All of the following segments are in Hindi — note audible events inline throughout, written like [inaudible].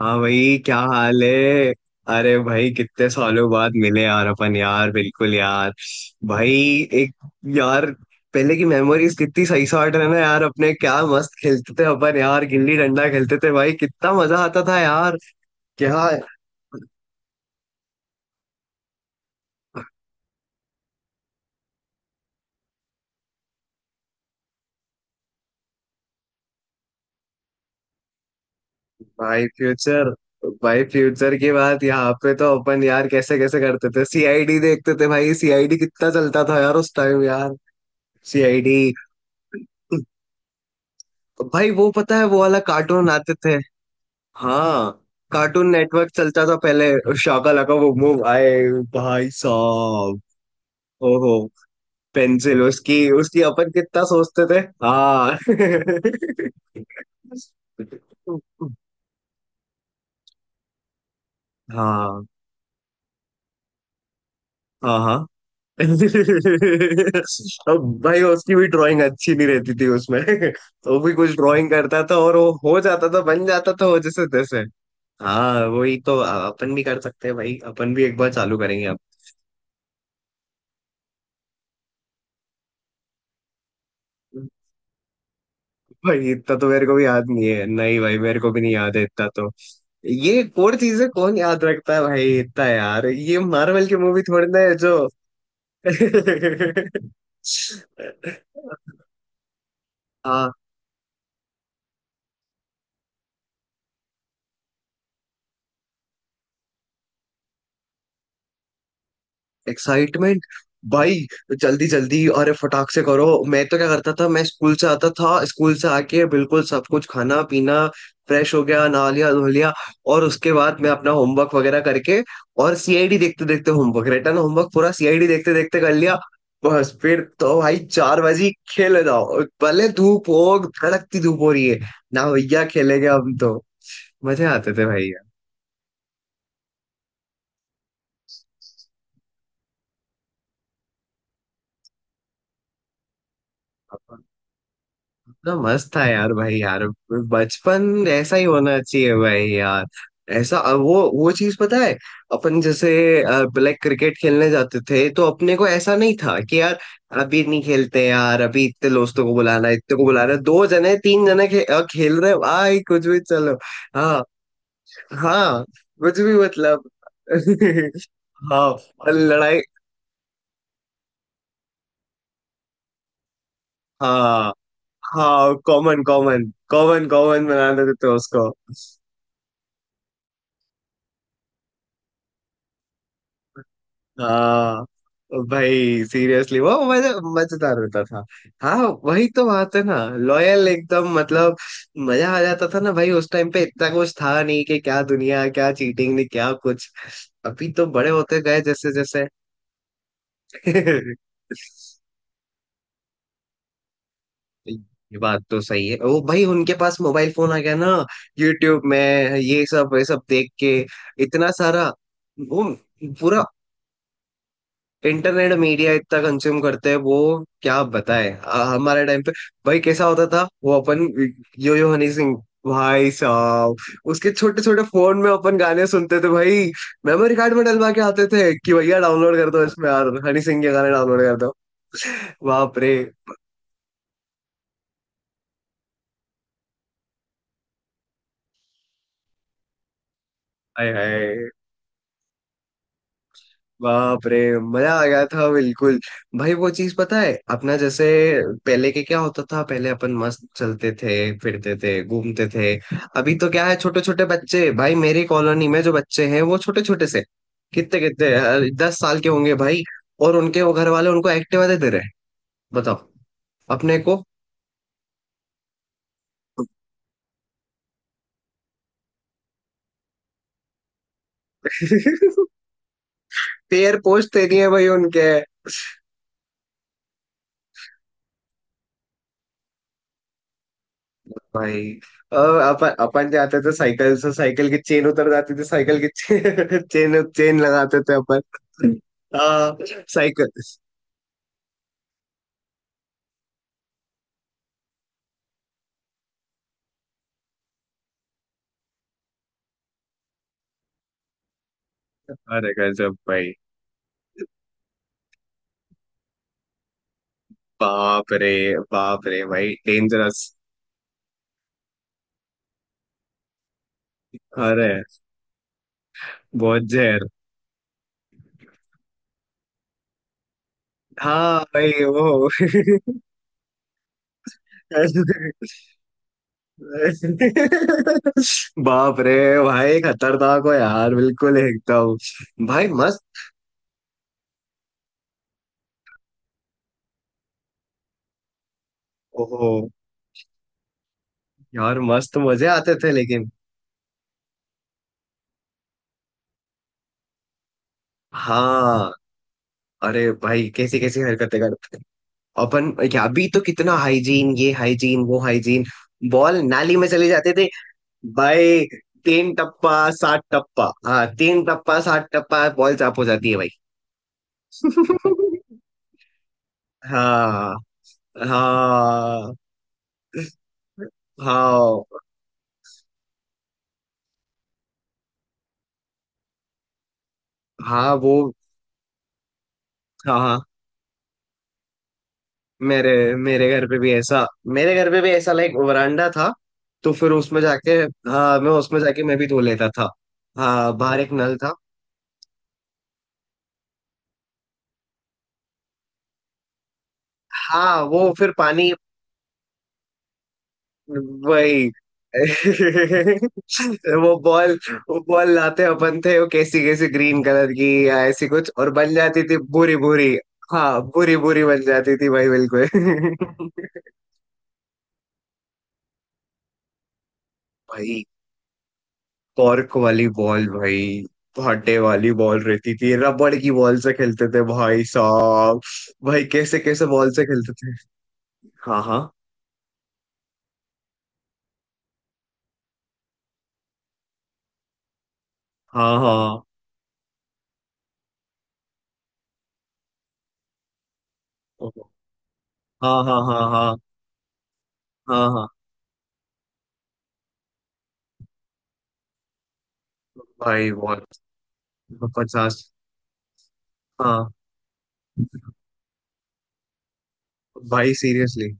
हाँ भाई, क्या हाल है। अरे भाई, कितने सालों बाद मिले यार अपन, यार बिल्कुल यार। भाई। एक। यार, पहले की मेमोरीज कितनी सही साट है ना यार। अपने क्या मस्त खेलते थे अपन यार, गिल्ली डंडा खेलते थे भाई, कितना मजा आता था यार। क्या। भाई फ्यूचर। भाई फ्यूचर की बात यहाँ पे तो, अपन यार कैसे कैसे करते थे। सीआईडी देखते थे भाई, सीआईडी कितना चलता था यार उस टाइम यार। सीआईडी। भाई वो पता है, वो वाला कार्टून आते थे। हाँ, कार्टून नेटवर्क चलता था पहले। शाका लाका वो मूव आए, भाई साहब। ओहो। पेंसिल, उसकी उसकी अपन कितना सोचते थे। हाँ। [laughs] हाँ हाँ। हाँ [laughs] अब भाई उसकी भी ड्राइंग अच्छी नहीं रहती थी उसमें। [laughs] वो भी कुछ ड्राइंग करता था, और वो हो जाता था, बन जाता था वो जैसे तैसे। हाँ, वही तो अपन भी कर सकते हैं भाई, अपन भी एक बार चालू करेंगे। अब भाई इतना तो मेरे को भी याद नहीं है, नहीं भाई मेरे को भी नहीं याद है इतना तो। ये कोर चीजें कौन याद रखता है भाई इतना यार, ये मार्वल की मूवी थोड़ी ना है जो। [laughs] हाँ। एक्साइटमेंट। भाई। जल्दी जल्दी, अरे फटाक से करो। मैं तो क्या करता था, मैं स्कूल से आता था, स्कूल से आके बिल्कुल सब कुछ खाना पीना, फ्रेश हो गया, नहा लिया धो लिया, और उसके बाद मैं अपना होमवर्क वगैरह करके, और सीआईडी देखते देखते होमवर्क, रिटर्न होमवर्क पूरा सीआईडी देखते देखते कर लिया। बस फिर तो भाई 4 बजे खेले जाओ, भले धूप हो, कड़कती धूप हो रही है, ना भैया खेलेंगे हम तो। मजे आते थे भाई। इतना मस्त था यार भाई यार, बचपन ऐसा ही होना चाहिए भाई यार। ऐसा वो चीज पता है अपन जैसे, ब्लैक क्रिकेट खेलने जाते थे तो अपने को ऐसा नहीं था कि यार अभी नहीं खेलते यार, अभी इतने दोस्तों को बुलाना है, इतने को बुलाना है, दो जने तीन जने खेल रहे हैं, भाई कुछ भी चलो। हाँ हाँ, कुछ भी मतलब। [laughs] हाँ। और लड़ाई। हाँ हाँ, कॉमन कॉमन, कॉमन कॉमन बना देते थे उसको। हाँ भाई सीरियसली वो मजा, मजेदार होता था। हाँ वही तो बात है ना, लॉयल एकदम मतलब, मजा आ जाता था ना भाई उस टाइम पे, इतना कुछ था नहीं कि क्या दुनिया, क्या चीटिंग नहीं, क्या कुछ। अभी तो बड़े होते गए जैसे जैसे। [laughs] ये बात तो सही है, वो भाई उनके पास मोबाइल फोन आ गया ना, यूट्यूब में ये सब देख के इतना सारा वो, पूरा इंटरनेट मीडिया इतना कंज्यूम करते हैं वो। क्या बताए हमारे टाइम पे भाई कैसा होता था वो अपन। यो यो हनी सिंह, भाई साहब। उसके छोटे छोटे फोन में अपन गाने सुनते थे भाई, मेमोरी कार्ड में डलवा के आते थे कि भैया डाउनलोड कर दो इसमें, यार हनी सिंह के गाने डाउनलोड कर दो। बाप रे। हाय हाय। बाप रे, मजा आ गया था बिल्कुल। भाई वो चीज पता है अपना जैसे, पहले के क्या होता था, पहले अपन मस्त चलते थे, फिरते थे, घूमते थे। अभी तो क्या है, छोटे छोटे बच्चे भाई, मेरी कॉलोनी में जो बच्चे हैं वो छोटे छोटे से, कितने कितने 10 साल के होंगे भाई, और उनके वो घर वाले उनको एक्टिवा दे दे रहे हैं। बताओ। अपने को। [laughs] पैर पोछते नहीं है भाई उनके। भाई, और अपन अपन जाते थे साइकिल से, साइकिल की चेन उतर जाती थी, साइकिल की चेन, [laughs] चेन चेन लगाते थे अपन। आ, साइकिल। अरे गजब भाई। बाप रे। बाप रे भाई, डेंजरस। अरे बहुत जहर। हाँ भाई वो। [laughs] बाप रे, भाई खतरनाक हो यार, बिल्कुल एकदम भाई मस्त। ओहो। यार मस्त मजे आते थे लेकिन। हाँ। अरे भाई कैसी कैसी हरकतें करते हैं अपन क्या, अभी तो कितना हाइजीन, ये हाइजीन वो हाइजीन, बॉल नाली में चले जाते थे भाई। 3 टप्पा, 7 टप्पा, हाँ 3 टप्पा 7 टप्पा बॉल चाप हो जाती है भाई। [laughs] हाँ हाँ हाँ हाँ। वो। हाँ हाँ, मेरे मेरे घर पे भी ऐसा, मेरे घर पे भी ऐसा लाइक वरांडा था, तो फिर उसमें जाके, हाँ मैं उसमें जाके मैं भी धो लेता था। हाँ, बाहर एक नल था। हाँ वो फिर पानी। वही। [laughs] वो बॉल वो बॉल लाते अपन थे वो, कैसी कैसी ग्रीन कलर की, या ऐसी कुछ और बन जाती थी भूरी भूरी। हाँ, भूरी भूरी बन जाती थी भाई बिल्कुल। [laughs] भाई कॉर्क वाली बॉल भाई, भाटे वाली बॉल रहती थी, रबड़ की बॉल से खेलते थे भाई साहब। भाई कैसे कैसे बॉल से खेलते थे। हाँ हाँ हाँ हाँ। ओहो, हाँ हाँ हाँ हाँ। हाँ हाँ। भाई बहुत। 50। हाँ भाई सीरियसली।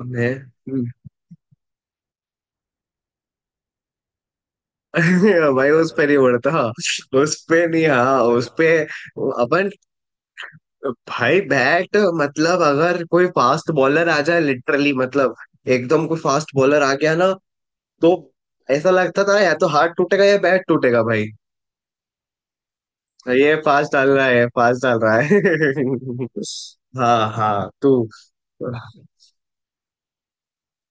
मैं। [laughs] भाई उस पे नहीं उड़ता, उस पे नहीं हाँ, उस पे। अपन। भाई बैट। मतलब अगर कोई फास्ट बॉलर आ जाए लिटरली, मतलब एकदम कोई फास्ट बॉलर आ गया ना, तो ऐसा लगता था या तो हाथ टूटेगा या बैट टूटेगा भाई। ये फास्ट डाल रहा है, फास्ट डाल रहा है, [laughs] हाँ हाँ तू।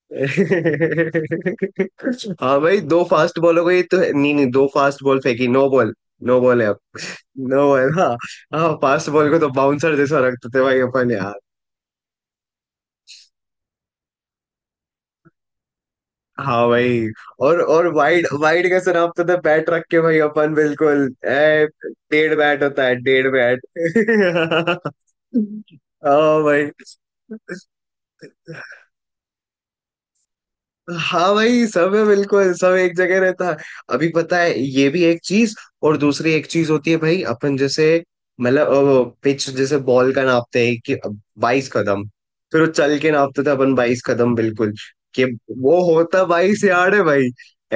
[laughs] हाँ भाई, दो फास्ट बॉलों को, ये तो है नहीं, नहीं दो फास्ट बॉल फेंकी नो बॉल। नो बॉल है अब। नो बॉल, हाँ, हाँ, फास्ट बॉल को तो बाउंसर जैसा रखते थे भाई अपन यार। हाँ भाई, और वाइड वाइड कैसे नापते थे, बैट रख के भाई अपन बिल्कुल। ए, डेढ़ बैट होता है, डेढ़ बैट। [laughs] हाँ भाई। हाँ भाई सब है बिल्कुल, सब एक जगह रहता है। अभी पता है ये भी एक चीज, और दूसरी एक चीज होती है भाई अपन जैसे, मतलब पिच जैसे बॉल का नापते हैं कि 22 कदम, फिर वो चल के नापते थे अपन 22 कदम बिल्कुल, कि वो होता 22 यार्ड है भाई।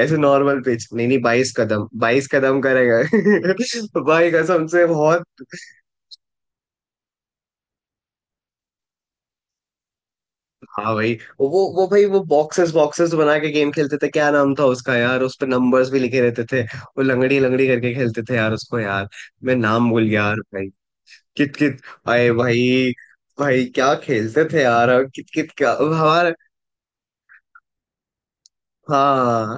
ऐसे नॉर्मल पिच नहीं नहीं, 22 कदम 22 कदम करेगा। [laughs] भाई कसम से बहुत। हाँ भाई वो। वो भाई वो बॉक्सेस बॉक्सेस बना के गेम खेलते थे, क्या नाम था उसका यार, उस पे नंबर्स भी लिखे रहते थे, वो लंगड़ी लंगड़ी करके खेलते थे यार उसको, यार मैं नाम भूल गया यार भाई। कित कित। आए भाई। भाई क्या खेलते थे यार, और कित कित का हमारा। हाँ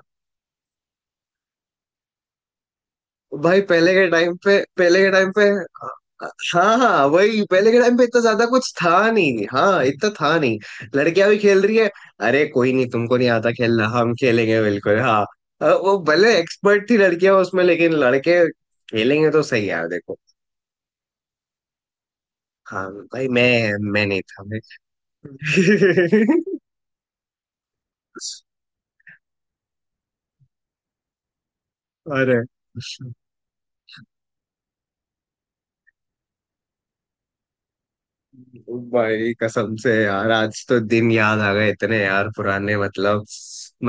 भाई, पहले के टाइम पे, पहले के टाइम पे। हाँ हाँ, वही पहले के टाइम पे इतना ज्यादा कुछ था नहीं, हाँ इतना था नहीं। लड़कियां भी खेल रही है। अरे कोई नहीं, तुमको नहीं आता खेलना, हम खेलेंगे बिल्कुल हाँ। वो भले एक्सपर्ट थी लड़कियां उसमें, लेकिन लड़के खेलेंगे तो सही है देखो। हाँ भाई मैं। मैं नहीं था मैं। [laughs] अरे भाई कसम से यार, आज तो दिन याद आ गए इतने यार पुराने, मतलब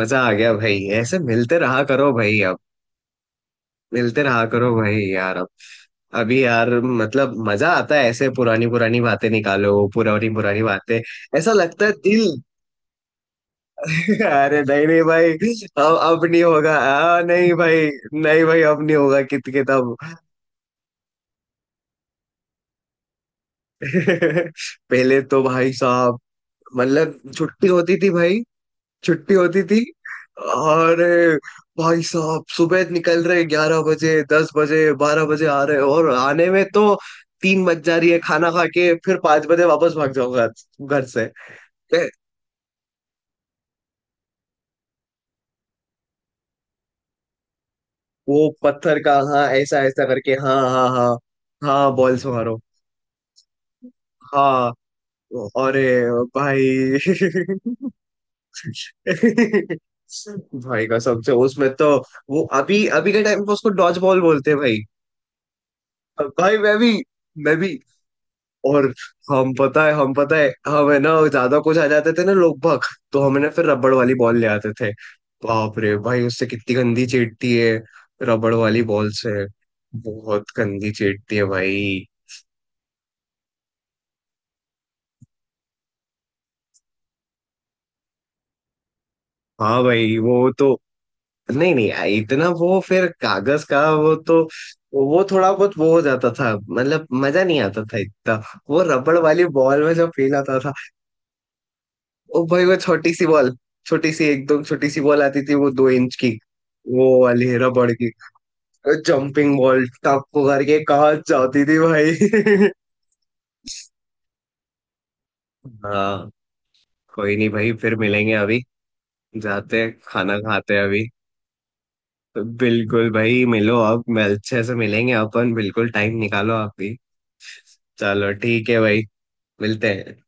मजा आ गया भाई, ऐसे मिलते रहा करो भाई अब, मिलते रहा करो भाई यार अब, अभी यार मतलब मजा आता है ऐसे, पुरानी पुरानी बातें निकालो, पुरानी पुरानी बातें, ऐसा लगता है दिल। [laughs] अरे नहीं नहीं भाई, अब नहीं होगा, नहीं भाई। नहीं भाई अब नहीं होगा कित के तब। [laughs] पहले तो भाई साहब, मतलब छुट्टी होती थी भाई, छुट्टी होती थी, और भाई साहब सुबह निकल रहे 11 बजे 10 बजे 12 बजे आ रहे, और आने में तो तीन बज जा रही है, खाना खा के फिर 5 बजे वापस भाग जाओ घर, घर से। ए, वो पत्थर का, हाँ, ऐसा ऐसा करके, हाँ हाँ हाँ, हाँ बॉल्स मारो। हाँ। अरे भाई, भाई कसम से उसमें तो, वो अभी अभी के टाइम पे उसको डॉज बॉल बोलते हैं भाई। भाई मैं भी। मैं भी। और हम पता है, हमें ना ज्यादा कुछ आ जाते थे ना लोग भग, तो हमें ना फिर रबड़ वाली बॉल ले आते थे। बाप रे भाई, उससे कितनी गंदी चीटती है, रबड़ वाली बॉल से बहुत गंदी चीटती है भाई। हाँ भाई वो तो। नहीं नहीं इतना वो, फिर कागज का वो तो, वो थोड़ा बहुत वो हो जाता था, मतलब मजा नहीं आता था इतना, वो रबड़ वाली बॉल में जो फील आता था। ओ भाई वो छोटी सी बॉल, छोटी सी एकदम छोटी सी बॉल आती थी वो, 2 इंच की, वो वाली रबड़ की। जंपिंग बॉल टप को करके कहाँ जाती थी भाई। [laughs] हाँ। कोई नहीं भाई, फिर मिलेंगे अभी, जाते हैं, खाना खाते हैं अभी, बिल्कुल भाई मिलो अब, मैं अच्छे से मिलेंगे अपन बिल्कुल, टाइम निकालो आप भी। चलो ठीक है भाई। मिलते हैं।